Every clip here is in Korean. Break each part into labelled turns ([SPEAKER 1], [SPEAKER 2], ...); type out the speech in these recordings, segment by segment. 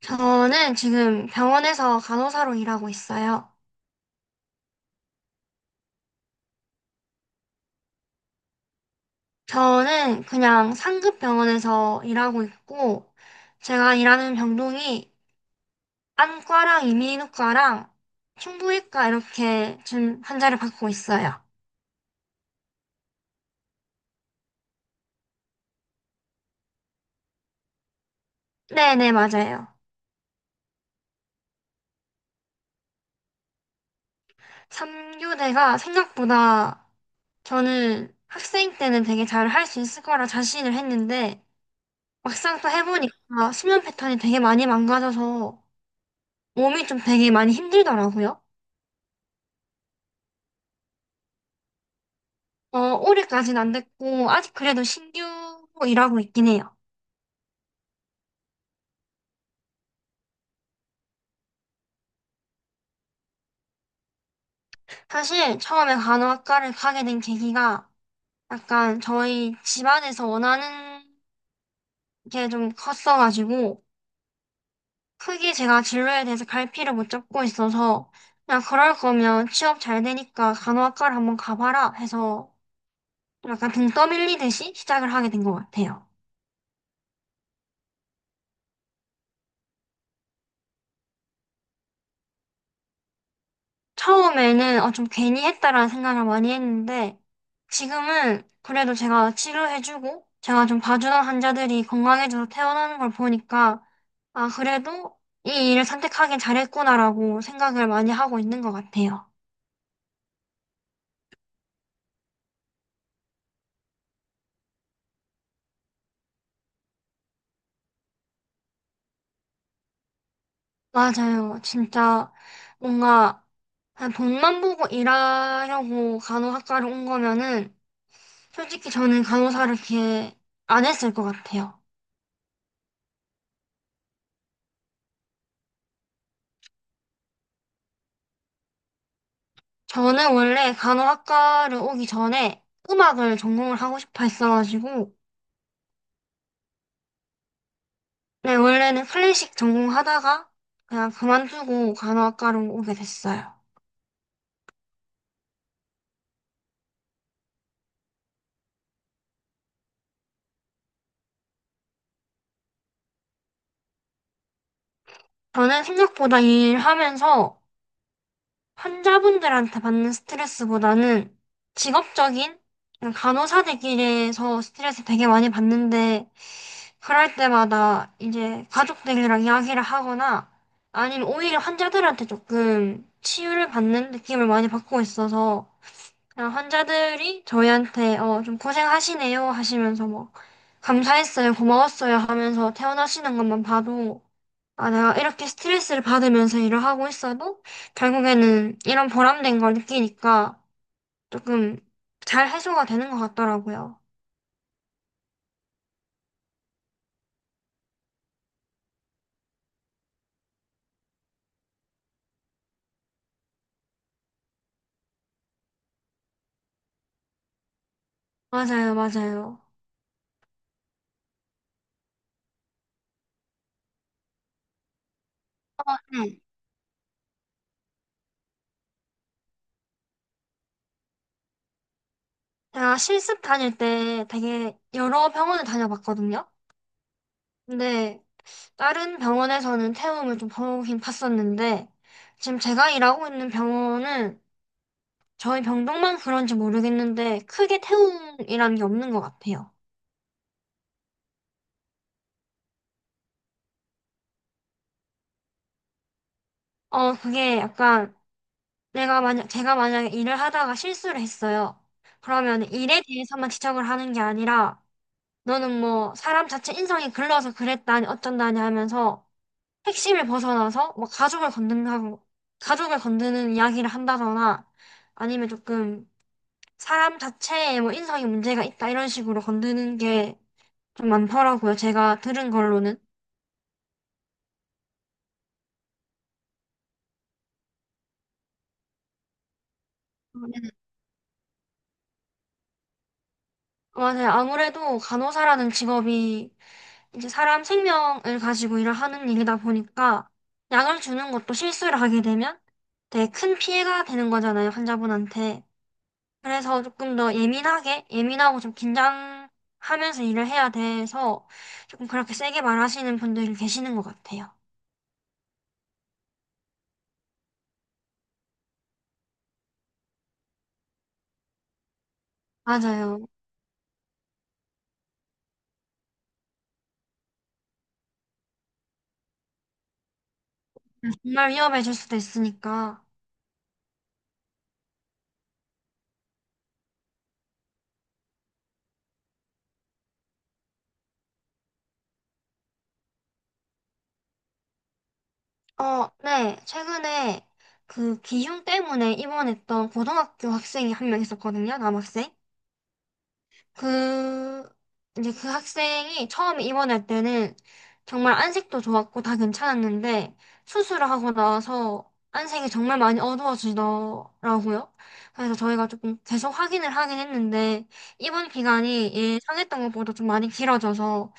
[SPEAKER 1] 저는 지금 병원에서 간호사로 일하고 있어요. 저는 그냥 상급 병원에서 일하고 있고, 제가 일하는 병동이 안과랑 이민후과랑 흉부외과 이렇게 지금 환자를 받고 있어요. 네네, 맞아요. 3교대가 생각보다, 저는 학생 때는 되게 잘 할 수 있을 거라 자신을 했는데, 막상 또 해보니까 수면 패턴이 되게 많이 망가져서 몸이 좀 되게 많이 힘들더라고요. 올해까지는 안 됐고, 아직 그래도 신규로 일하고 있긴 해요. 사실 처음에 간호학과를 가게 된 계기가 약간 저희 집안에서 원하는 게 좀 컸어가지고, 크게 제가 진로에 대해서 갈피를 못 잡고 있어서, 그냥 그럴 거면 취업 잘 되니까 간호학과를 한번 가봐라 해서 약간 등 떠밀리듯이 시작을 하게 된 것 같아요. 처음에는 좀 괜히 했다라는 생각을 많이 했는데, 지금은 그래도 제가 치료해주고 제가 좀 봐주던 환자들이 건강해져서 퇴원하는 걸 보니까 아, 그래도 이 일을 선택하긴 잘했구나라고 생각을 많이 하고 있는 것 같아요. 맞아요. 진짜 뭔가 그냥 돈만 보고 일하려고 간호학과를 온 거면은 솔직히 저는 간호사를 이렇게 안 했을 것 같아요. 저는 원래 간호학과를 오기 전에 음악을 전공을 하고 싶어 했어가지고, 네, 원래는 클래식 전공하다가 그냥 그만두고 간호학과로 오게 됐어요. 저는 생각보다 일하면서 환자분들한테 받는 스트레스보다는 직업적인 그냥 간호사들끼리에서 스트레스 되게 많이 받는데, 그럴 때마다 이제 가족들이랑 이야기를 하거나, 아니면 오히려 환자들한테 조금 치유를 받는 느낌을 많이 받고 있어서, 그냥 환자들이 저희한테 좀 고생하시네요 하시면서 뭐 감사했어요, 고마웠어요 하면서 퇴원하시는 것만 봐도 아, 내가 이렇게 스트레스를 받으면서 일을 하고 있어도 결국에는 이런 보람된 걸 느끼니까 조금 잘 해소가 되는 것 같더라고요. 맞아요, 맞아요. 네. 제가 실습 다닐 때 되게 여러 병원을 다녀봤거든요. 근데 다른 병원에서는 태움을 좀 보긴 봤었는데 지금 제가 일하고 있는 병원은 저희 병동만 그런지 모르겠는데 크게 태움이라는 게 없는 것 같아요. 그게 약간 내가 만약 제가 만약에 일을 하다가 실수를 했어요. 그러면 일에 대해서만 지적을 하는 게 아니라 너는 뭐 사람 자체 인성이 글러서 그랬다니 어쩐다니 하면서 핵심을 벗어나서 뭐 가족을 건든다고 가족을 건드는 이야기를 한다거나 아니면 조금 사람 자체에 뭐 인성이 문제가 있다 이런 식으로 건드는 게 좀 많더라고요. 제가 들은 걸로는. 맞아요. 아무래도 간호사라는 직업이 이제 사람 생명을 가지고 일을 하는 일이다 보니까 약을 주는 것도 실수를 하게 되면 되게 큰 피해가 되는 거잖아요, 환자분한테. 그래서 조금 더 예민하게, 예민하고 좀 긴장하면서 일을 해야 돼서 조금 그렇게 세게 말하시는 분들이 계시는 것 같아요. 맞아요. 정말 위험해질 수도 있으니까. 어, 네. 최근에 그 기흉 때문에 입원했던 고등학교 학생이 한 명 있었거든요, 남학생. 그, 이제 그 학생이 처음 입원할 때는 정말 안색도 좋았고 다 괜찮았는데 수술을 하고 나서 안색이 정말 많이 어두워지더라고요. 그래서 저희가 조금 계속 확인을 하긴 했는데 입원 기간이 예상했던 것보다 좀 많이 길어져서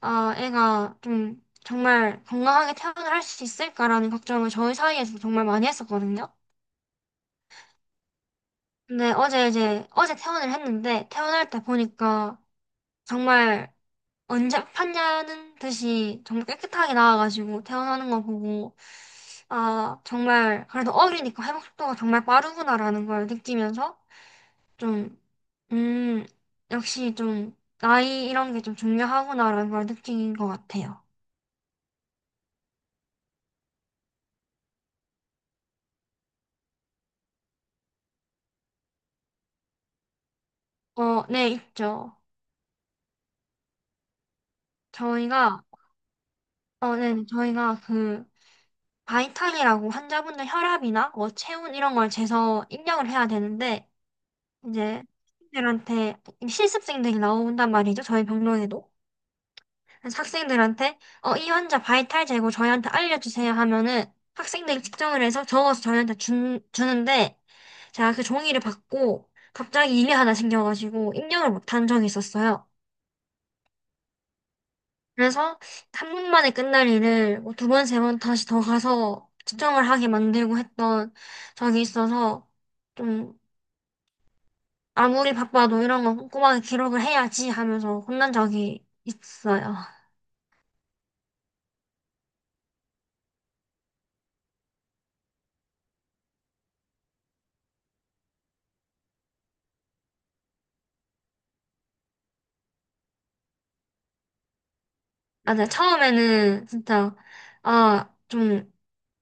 [SPEAKER 1] 아, 애가 좀 정말 건강하게 퇴원을 할 수 있을까라는 걱정을 저희 사이에서 정말 많이 했었거든요. 근데 어제 이제 어제 퇴원을 했는데 퇴원할 때 보니까 정말 언제 아팠냐는 듯이 정말 깨끗하게 나와가지고 퇴원하는 거 보고, 아, 정말, 그래도 어리니까 회복 속도가 정말 빠르구나라는 걸 느끼면서 좀, 음, 역시 좀, 나이 이런 게 좀 중요하구나라는 걸 느낀 것 같아요. 어, 네, 있죠. 저희가, 네, 네, 저희가 그, 바이탈이라고 환자분들 혈압이나 뭐 체온 이런 걸 재서 입력을 해야 되는데, 이제, 들한테 실습생들이 나온단 말이죠. 저희 병동에도. 그래서 학생들한테 이 환자 바이탈 재고 저희한테 알려주세요 하면은 학생들이 측정을 해서 적어서 저희한테 주는데 제가 그 종이를 받고 갑자기 일이 하나 생겨가지고 입력을 못한 적이 있었어요. 그래서 한분 만에 끝날 일을 뭐 두 번, 세 번 다시 더 가서 측정을 하게 만들고 했던 적이 있어서 좀 아무리 바빠도 이런 거 꼼꼼하게 기록을 해야지 하면서 혼난 적이 있어요. 맞아요. 처음에는 진짜 아, 좀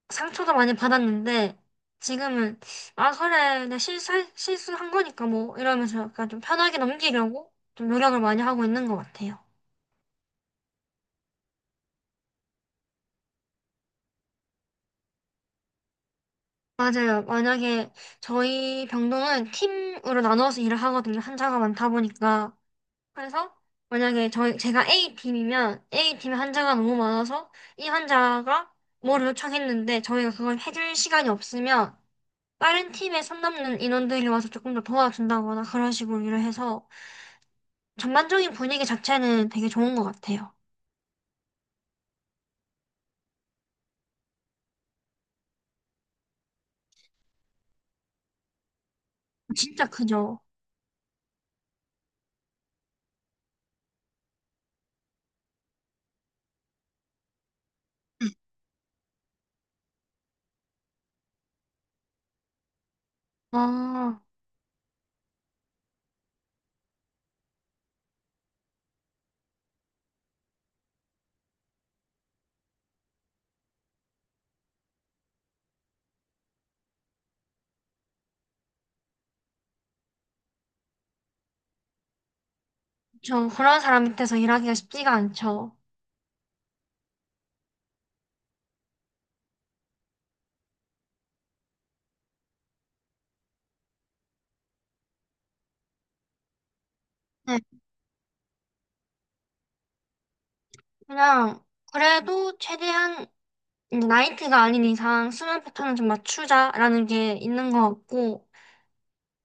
[SPEAKER 1] 상처도 많이 받았는데 지금은 아 그래 내 실수한 거니까 뭐 이러면서 약간 좀 편하게 넘기려고 좀 노력을 많이 하고 있는 것 같아요. 맞아요. 만약에 저희 병동은 팀으로 나눠서 일을 하거든요. 환자가 많다 보니까. 그래서 만약에 저희 제가 A 팀이면 A 팀에 환자가 너무 많아서 이 환자가 뭐를 요청했는데 저희가 그걸 해줄 시간이 없으면 다른 팀에 선 넘는 인원들이 와서 조금 더 도와준다거나 그런 식으로 일을 해서 전반적인 분위기 자체는 되게 좋은 것 같아요. 진짜 크죠. 아, 저 그런 사람 밑에서 일하기가 쉽지가 않죠. 네, 그냥 그래도 최대한 이제 나이트가 아닌 이상 수면 패턴은 좀 맞추자라는 게 있는 것 같고,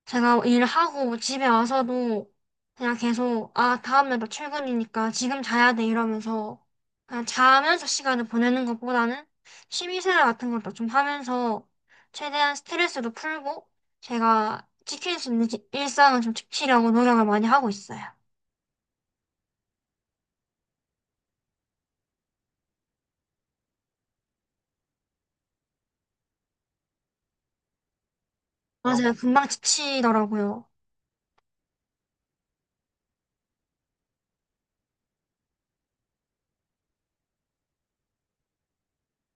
[SPEAKER 1] 제가 일하고 집에 와서도 그냥 계속, 아, 다음에 또 출근이니까 지금 자야 돼 이러면서 그냥 자면서 시간을 보내는 것보다는 취미생활 같은 것도 좀 하면서 최대한 스트레스도 풀고 제가 지킬 수 있는 일상을 좀 지키려고 노력을 많이 하고 있어요. 어, 맞아요. 금방 지치더라고요.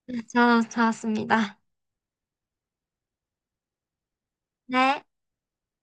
[SPEAKER 1] 네, 잘았습니다. 네.